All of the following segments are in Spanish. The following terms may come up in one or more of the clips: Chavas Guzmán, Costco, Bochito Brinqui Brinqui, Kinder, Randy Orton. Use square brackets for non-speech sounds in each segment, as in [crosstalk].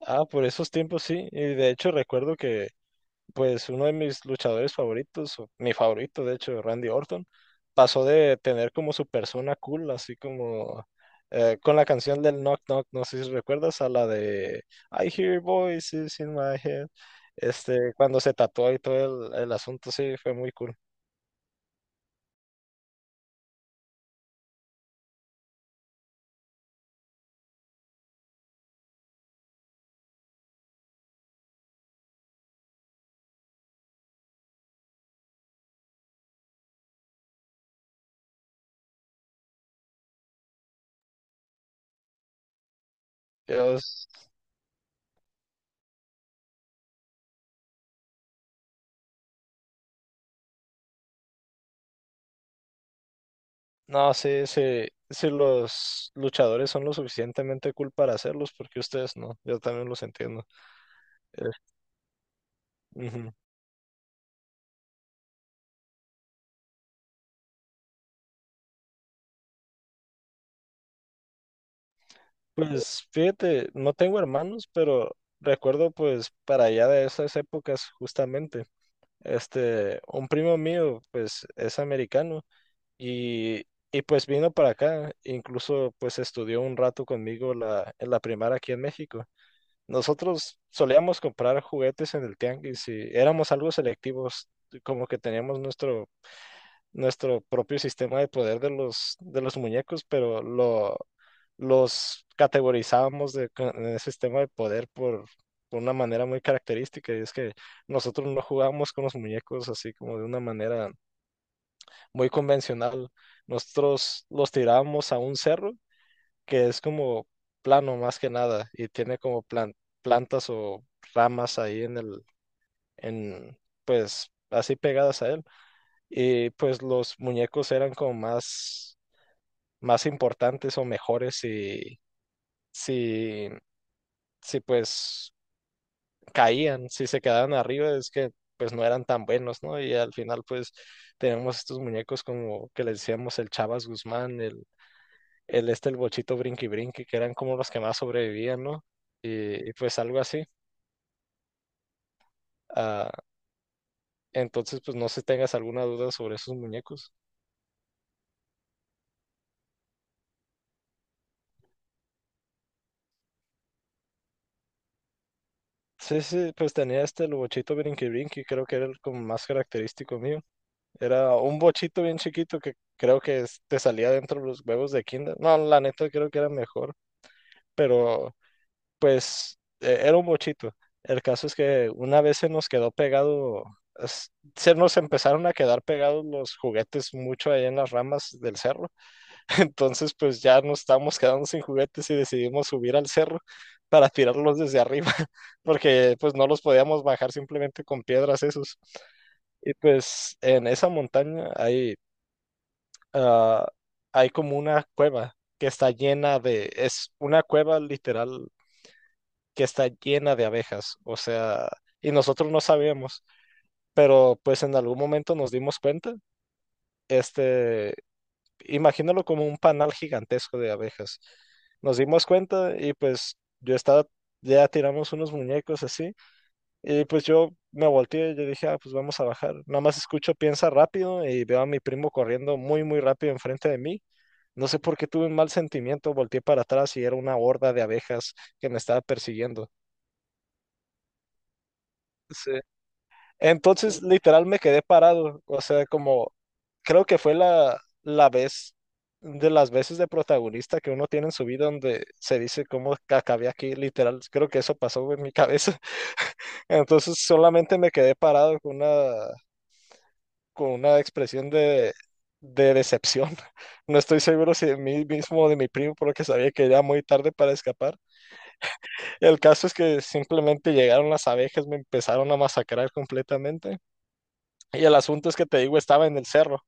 Ah, por esos tiempos sí. Y de hecho recuerdo que pues uno de mis luchadores favoritos, o mi favorito de hecho, Randy Orton, pasó de tener como su persona cool, así como con la canción del Knock Knock, no sé si recuerdas, a la de I hear voices in my head. Este, cuando se tatuó y todo el asunto, sí, fue muy cool. Yo, s- no, sí, sí, sí, los luchadores son lo suficientemente cool para hacerlos, porque ustedes no, yo también los entiendo. Eh, Ujú. Pues fíjate, no tengo hermanos, pero recuerdo pues para allá de esas épocas justamente, este, un primo mío pues es americano y, y pues vino para acá, incluso pues estudió un rato conmigo en la primaria aquí en México. Nosotros solíamos comprar juguetes en el tianguis y éramos algo selectivos, como que teníamos nuestro propio sistema de poder de los muñecos, pero los categorizábamos en el sistema de poder por una manera muy característica, y es que nosotros no jugábamos con los muñecos así como de una manera muy convencional, nosotros los tirábamos a un cerro que es como plano más que nada y tiene como plantas o ramas ahí en, pues así pegadas a él. Y pues los muñecos eran como más importantes o mejores si, si, si pues caían, si se quedaban arriba, es que pues no eran tan buenos, ¿no? Y al final pues tenemos estos muñecos como que les decíamos el Chavas Guzmán, el Bochito Brinqui Brinqui, que eran como los que más sobrevivían, ¿no? Y, pues algo así. Ah, entonces pues no sé si tengas alguna duda sobre esos muñecos. Sí, sí, pues tenía este el Bochito Brinqui Brinqui, creo que era el como más característico mío. Era un bochito bien chiquito que creo que te salía dentro de los huevos de Kinder. No, la neta creo que era mejor, pero pues era un bochito. El caso es que una vez se nos quedó pegado, se nos empezaron a quedar pegados los juguetes mucho ahí en las ramas del cerro. [laughs] Entonces pues ya nos estábamos quedando sin juguetes y decidimos subir al cerro para tirarlos desde arriba, [laughs] porque pues no los podíamos bajar simplemente con piedras esos. Y pues en esa montaña ah, hay como una cueva que está llena de, es una cueva literal que está llena de abejas, o sea, y nosotros no sabíamos, pero pues en algún momento nos dimos cuenta, este, imagínalo como un panal gigantesco de abejas. Nos dimos cuenta y pues yo estaba, ya tiramos unos muñecos así y pues yo me volteé y yo dije, ah, pues vamos a bajar. Nada más escucho, piensa rápido y veo a mi primo corriendo muy, muy rápido enfrente de mí. No sé por qué tuve un mal sentimiento, volteé para atrás y era una horda de abejas que me estaba persiguiendo. Sí. Entonces, literal, me quedé parado. O sea, como creo que fue la vez de las veces de protagonista que uno tiene en su vida donde se dice cómo que acabé aquí, literal. Creo que eso pasó en mi cabeza. [laughs] Entonces, solamente me quedé parado con una expresión de decepción. [laughs] No estoy seguro si de mí mismo o de mi primo, porque sabía que era muy tarde para escapar. El caso es que simplemente llegaron las abejas, me empezaron a masacrar completamente. Y el asunto es que te digo, estaba en el cerro.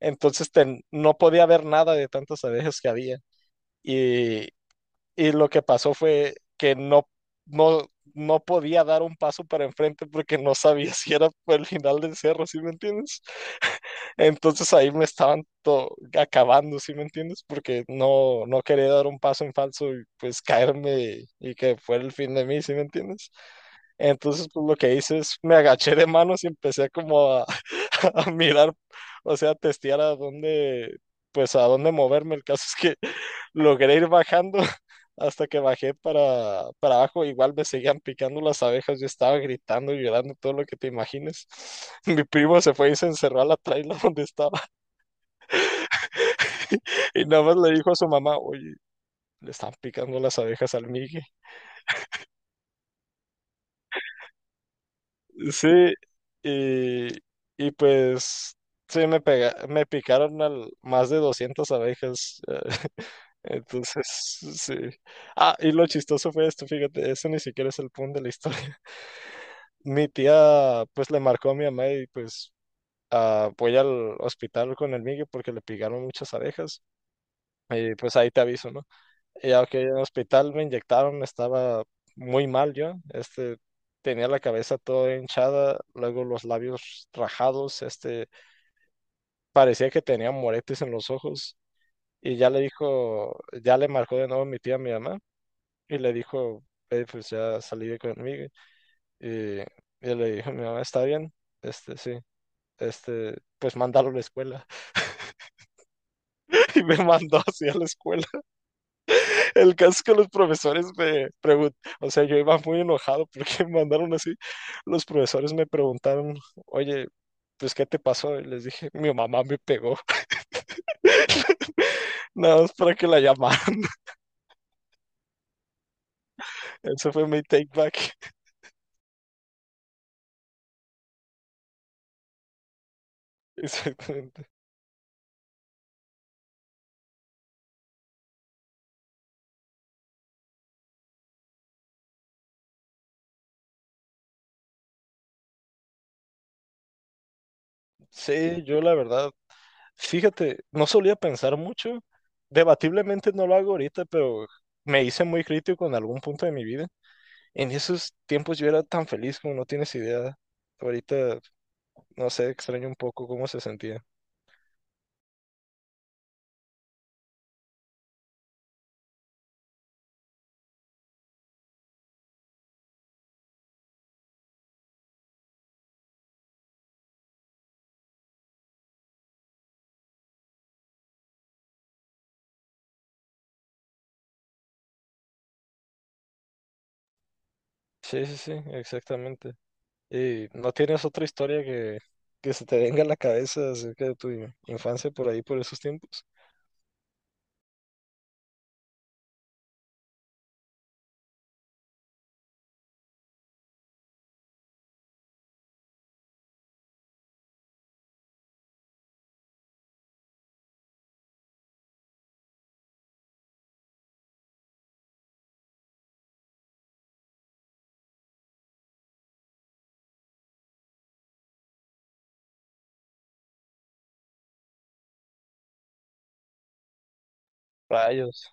Entonces no podía ver nada de tantas abejas que había. Y, y lo que pasó fue que no, no, no podía dar un paso para enfrente porque no sabía [laughs] si era por el final del cerro, ¿sí me entiendes? Entonces ahí me estaban acabando, ¿sí me entiendes? Porque no, no quería dar un paso en falso y pues caerme y que fuera el fin de mí, ¿sí me entiendes? Entonces, pues lo que hice es me agaché de manos y empecé como a, [laughs] a mirar, o sea, a testear a dónde, pues a dónde moverme. El caso es que [laughs] logré ir bajando hasta que bajé para abajo, igual me seguían picando las abejas, yo estaba gritando y llorando todo lo que te imagines. [laughs] Mi primo se fue y se encerró a la traila donde estaba [laughs] y nada más le dijo a su mamá, oye, le están picando las abejas al Migue. Sí, y, y pues... Sí, me picaron más de 200 abejas. [laughs] Entonces, sí. Ah, y lo chistoso fue esto, fíjate, eso ni siquiera es el punto de la historia. Mi tía, pues, le marcó a mi mamá y, pues, ah, voy al hospital con el Migue porque le picaron muchas abejas y pues ahí te aviso, ¿no? Y ya que en el hospital me inyectaron, estaba muy mal yo, este, tenía la cabeza toda hinchada, luego los labios rajados, este, parecía que tenía moretes en los ojos y ya le dijo, ya le marcó de nuevo mi tía a mi mamá y le dijo, Pues ya salí de conmigo y le dijo, mi mamá está bien, este, sí, este, pues mándalo a la escuela [laughs] y me mandó hacia la escuela. El caso es que los profesores me preguntaron, o sea, yo iba muy enojado porque [laughs] me mandaron así. Los profesores me preguntaron, oye, pues, ¿qué te pasó? Y les dije, mi mamá me pegó, [laughs] nada más para que la llamaran. [laughs] Eso fue mi take back. [laughs] Exactamente. Sí, yo la verdad, fíjate, no solía pensar mucho. Debatiblemente no lo hago ahorita, pero me hice muy crítico en algún punto de mi vida. En esos tiempos yo era tan feliz como no tienes idea. Ahorita, no sé, extraño un poco cómo se sentía. Sí, sí, sí, exactamente. ¿Y no tienes otra historia que se te venga a la cabeza acerca de tu infancia por ahí, por esos tiempos? Rayos.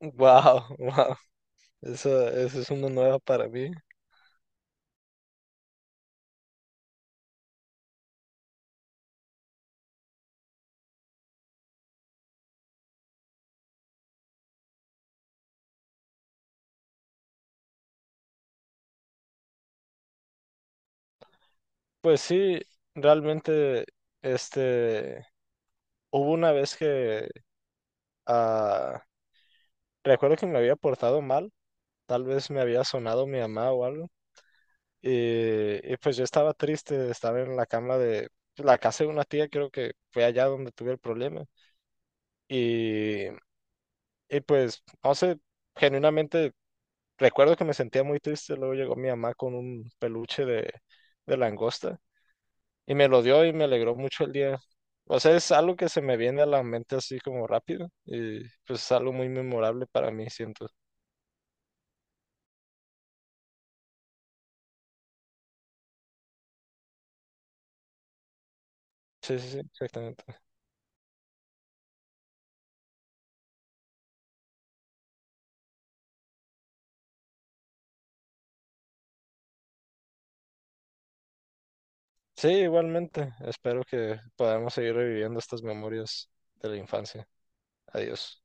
Wow, wow. Esa [laughs] es una nueva para mí. Pues sí, realmente, este, hubo una vez ah, recuerdo que me había portado mal, tal vez me había sonado mi mamá o algo, y pues yo estaba triste, estaba en la cama de pues, la casa de una tía, creo que fue allá donde tuve el problema. Y, y pues, no sé, genuinamente recuerdo que me sentía muy triste. Luego llegó mi mamá con un peluche de, langosta y me lo dio y me alegró mucho el día. O sea, es algo que se me viene a la mente así como rápido y pues es algo muy memorable para mí, siento. Sí, sí, sí, exactamente. Sí, igualmente. Espero que podamos seguir reviviendo estas memorias de la infancia. Adiós.